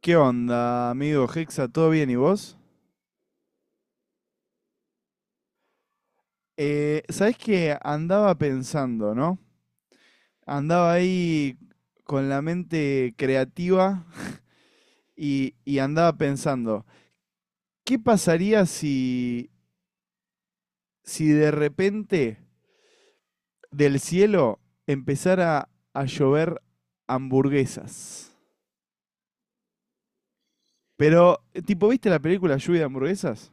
¿Qué onda, amigo Hexa? ¿Todo bien y vos? ¿Sabés qué? Andaba pensando, ¿no? Andaba ahí con la mente creativa y andaba pensando, ¿qué pasaría si, si de repente del cielo empezara a llover hamburguesas? Pero, tipo, ¿viste la película Lluvia de hamburguesas?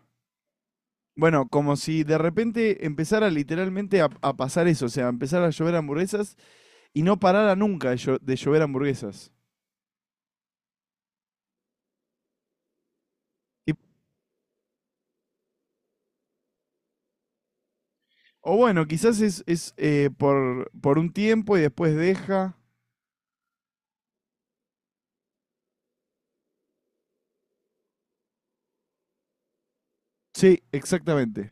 Bueno, como si de repente empezara literalmente a pasar eso, o sea, empezara a llover hamburguesas y no parara nunca de llover hamburguesas. Y- o bueno, quizás es por un tiempo y después deja. Sí, exactamente.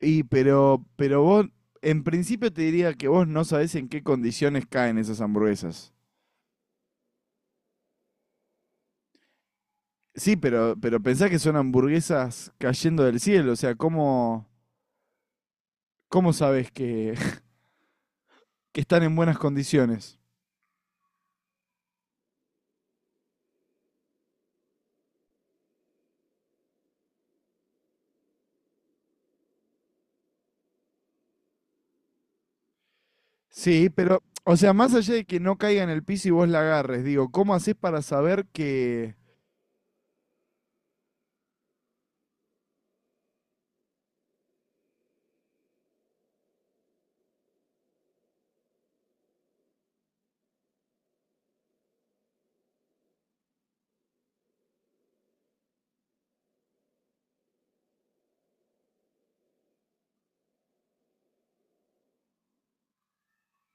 Pero vos, en principio te diría que vos no sabés en qué condiciones caen esas hamburguesas. Sí, pero pensá que son hamburguesas cayendo del cielo, o sea, ¿cómo sabés que, que están en buenas condiciones? Sí, pero, o sea, más allá de que no caiga en el piso y vos la agarres, digo, ¿cómo haces para saber que...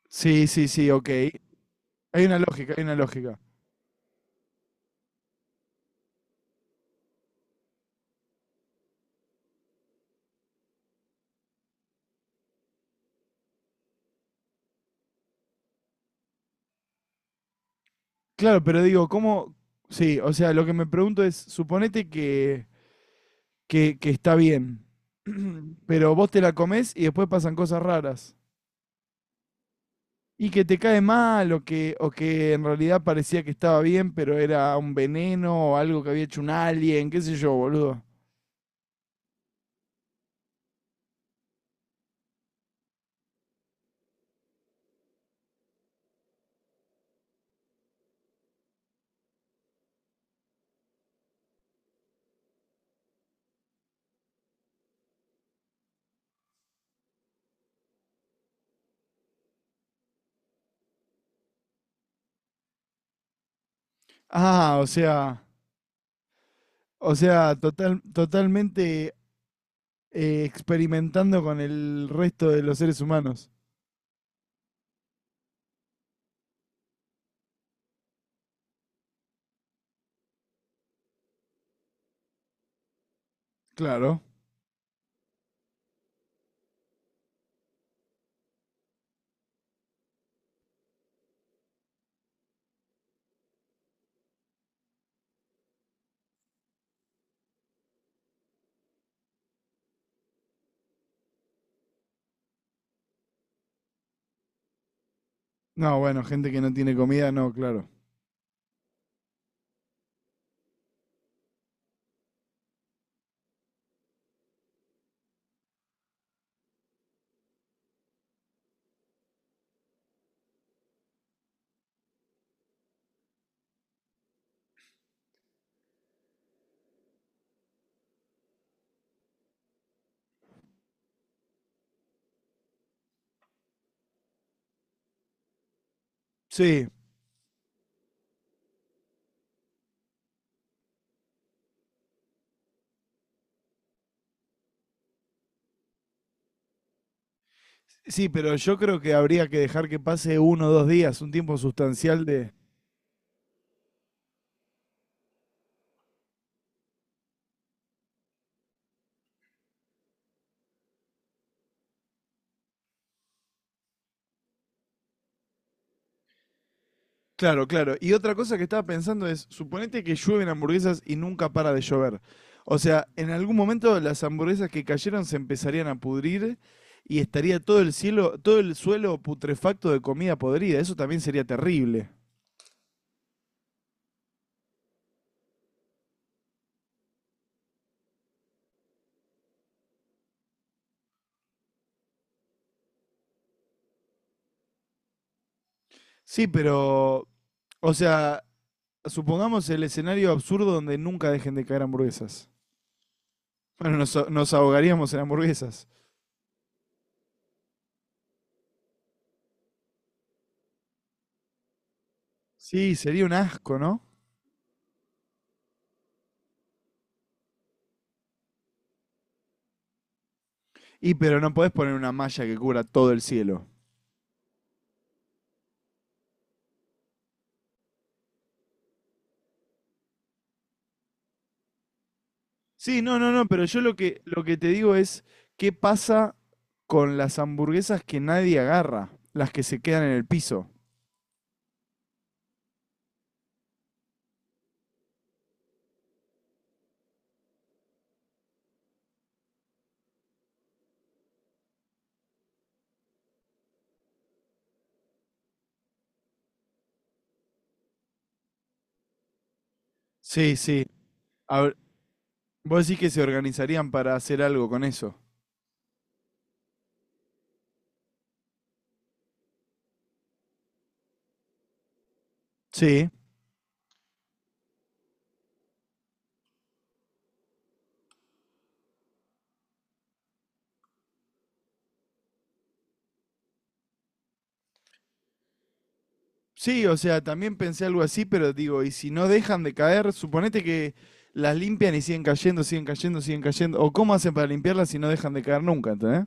Sí, sí, sí, ok. Hay una lógica, hay una lógica. Claro, pero digo, ¿cómo... Sí, o sea, lo que me pregunto es, que está bien, pero vos te la comés y después pasan cosas raras. Y que te cae mal o que en realidad parecía que estaba bien, pero era un veneno o algo que había hecho un alien, qué sé yo, boludo. Ah, o sea... O sea, totalmente experimentando con el resto de los seres humanos. Claro. No, bueno, gente que no tiene comida, no, claro. Sí, sí, pero yo creo que habría que dejar que pase uno o dos días, un tiempo sustancial de... Claro, claro. Y otra cosa que estaba pensando es, suponete que llueven hamburguesas y nunca para de llover. O sea, en algún momento las hamburguesas que cayeron se empezarían a pudrir y estaría todo el cielo, todo el suelo putrefacto de comida podrida. Eso también sería terrible. Sí, pero, o sea, supongamos el escenario absurdo donde nunca dejen de caer hamburguesas. Nos ahogaríamos en hamburguesas. Sí, sería un asco, ¿no? Pero no podés poner una malla que cubra todo el cielo. Sí, no, no, no, pero yo lo que te digo es, ¿qué pasa con las hamburguesas que nadie agarra? Las que se quedan en el piso. Sí, sí. A ver, vos decís que se organizarían para hacer algo con eso. Sí. Sí, o sea, también pensé algo así, pero digo, y si no dejan de caer, suponete que las limpian y siguen cayendo, siguen cayendo, siguen cayendo. ¿O cómo hacen para limpiarlas si no dejan de caer nunca, ¿entendés?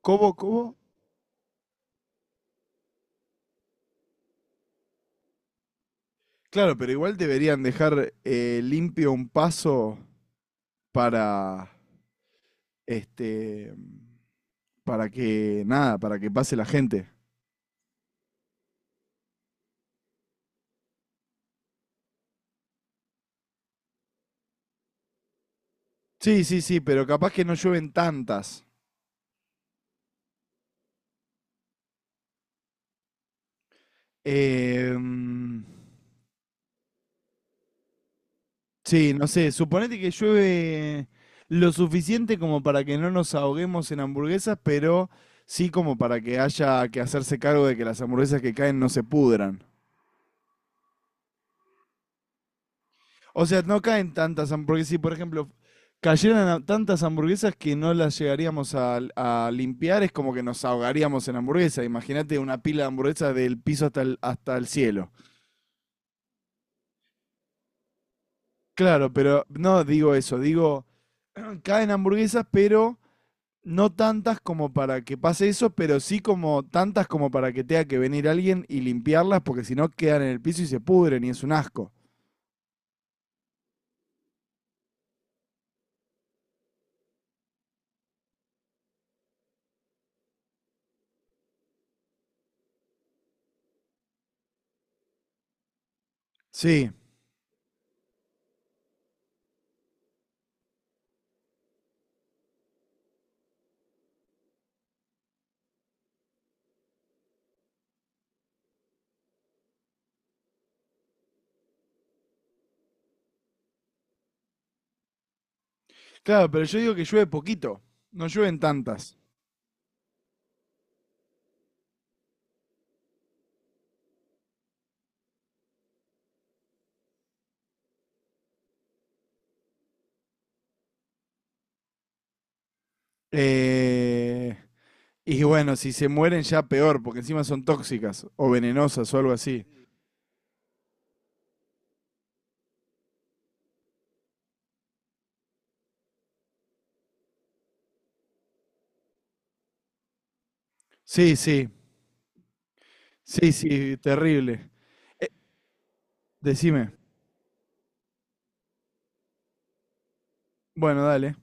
¿Cómo, cómo? Claro, pero igual deberían dejar limpio un paso para, este, para que, nada, para que pase la gente. Sí, sí, sí, pero capaz que no llueven tantas. Eh, mm, Sí, no sé, suponete que llueve lo suficiente como para que no nos ahoguemos en hamburguesas, pero sí como para que haya que hacerse cargo de que las hamburguesas que caen no se pudran. O sea, no caen tantas hamburguesas, si por ejemplo tantas hamburguesas que no las llegaríamos a limpiar, es como que nos ahogaríamos en hamburguesas. Imagínate una pila de hamburguesas del piso hasta el cielo. Claro, pero no digo eso, digo, caen hamburguesas, pero no tantas como para que pase eso, pero sí como tantas como para que tenga que venir alguien y limpiarlas, porque si no quedan en el piso y se pudren y es un asco. Sí, claro, pero yo digo que llueve poquito, no llueven tantas. Eh, y bueno, si se mueren ya peor, porque encima son tóxicas o venenosas o algo así. Sí, sí, sí, sí, terrible. Decime. Bueno, dale.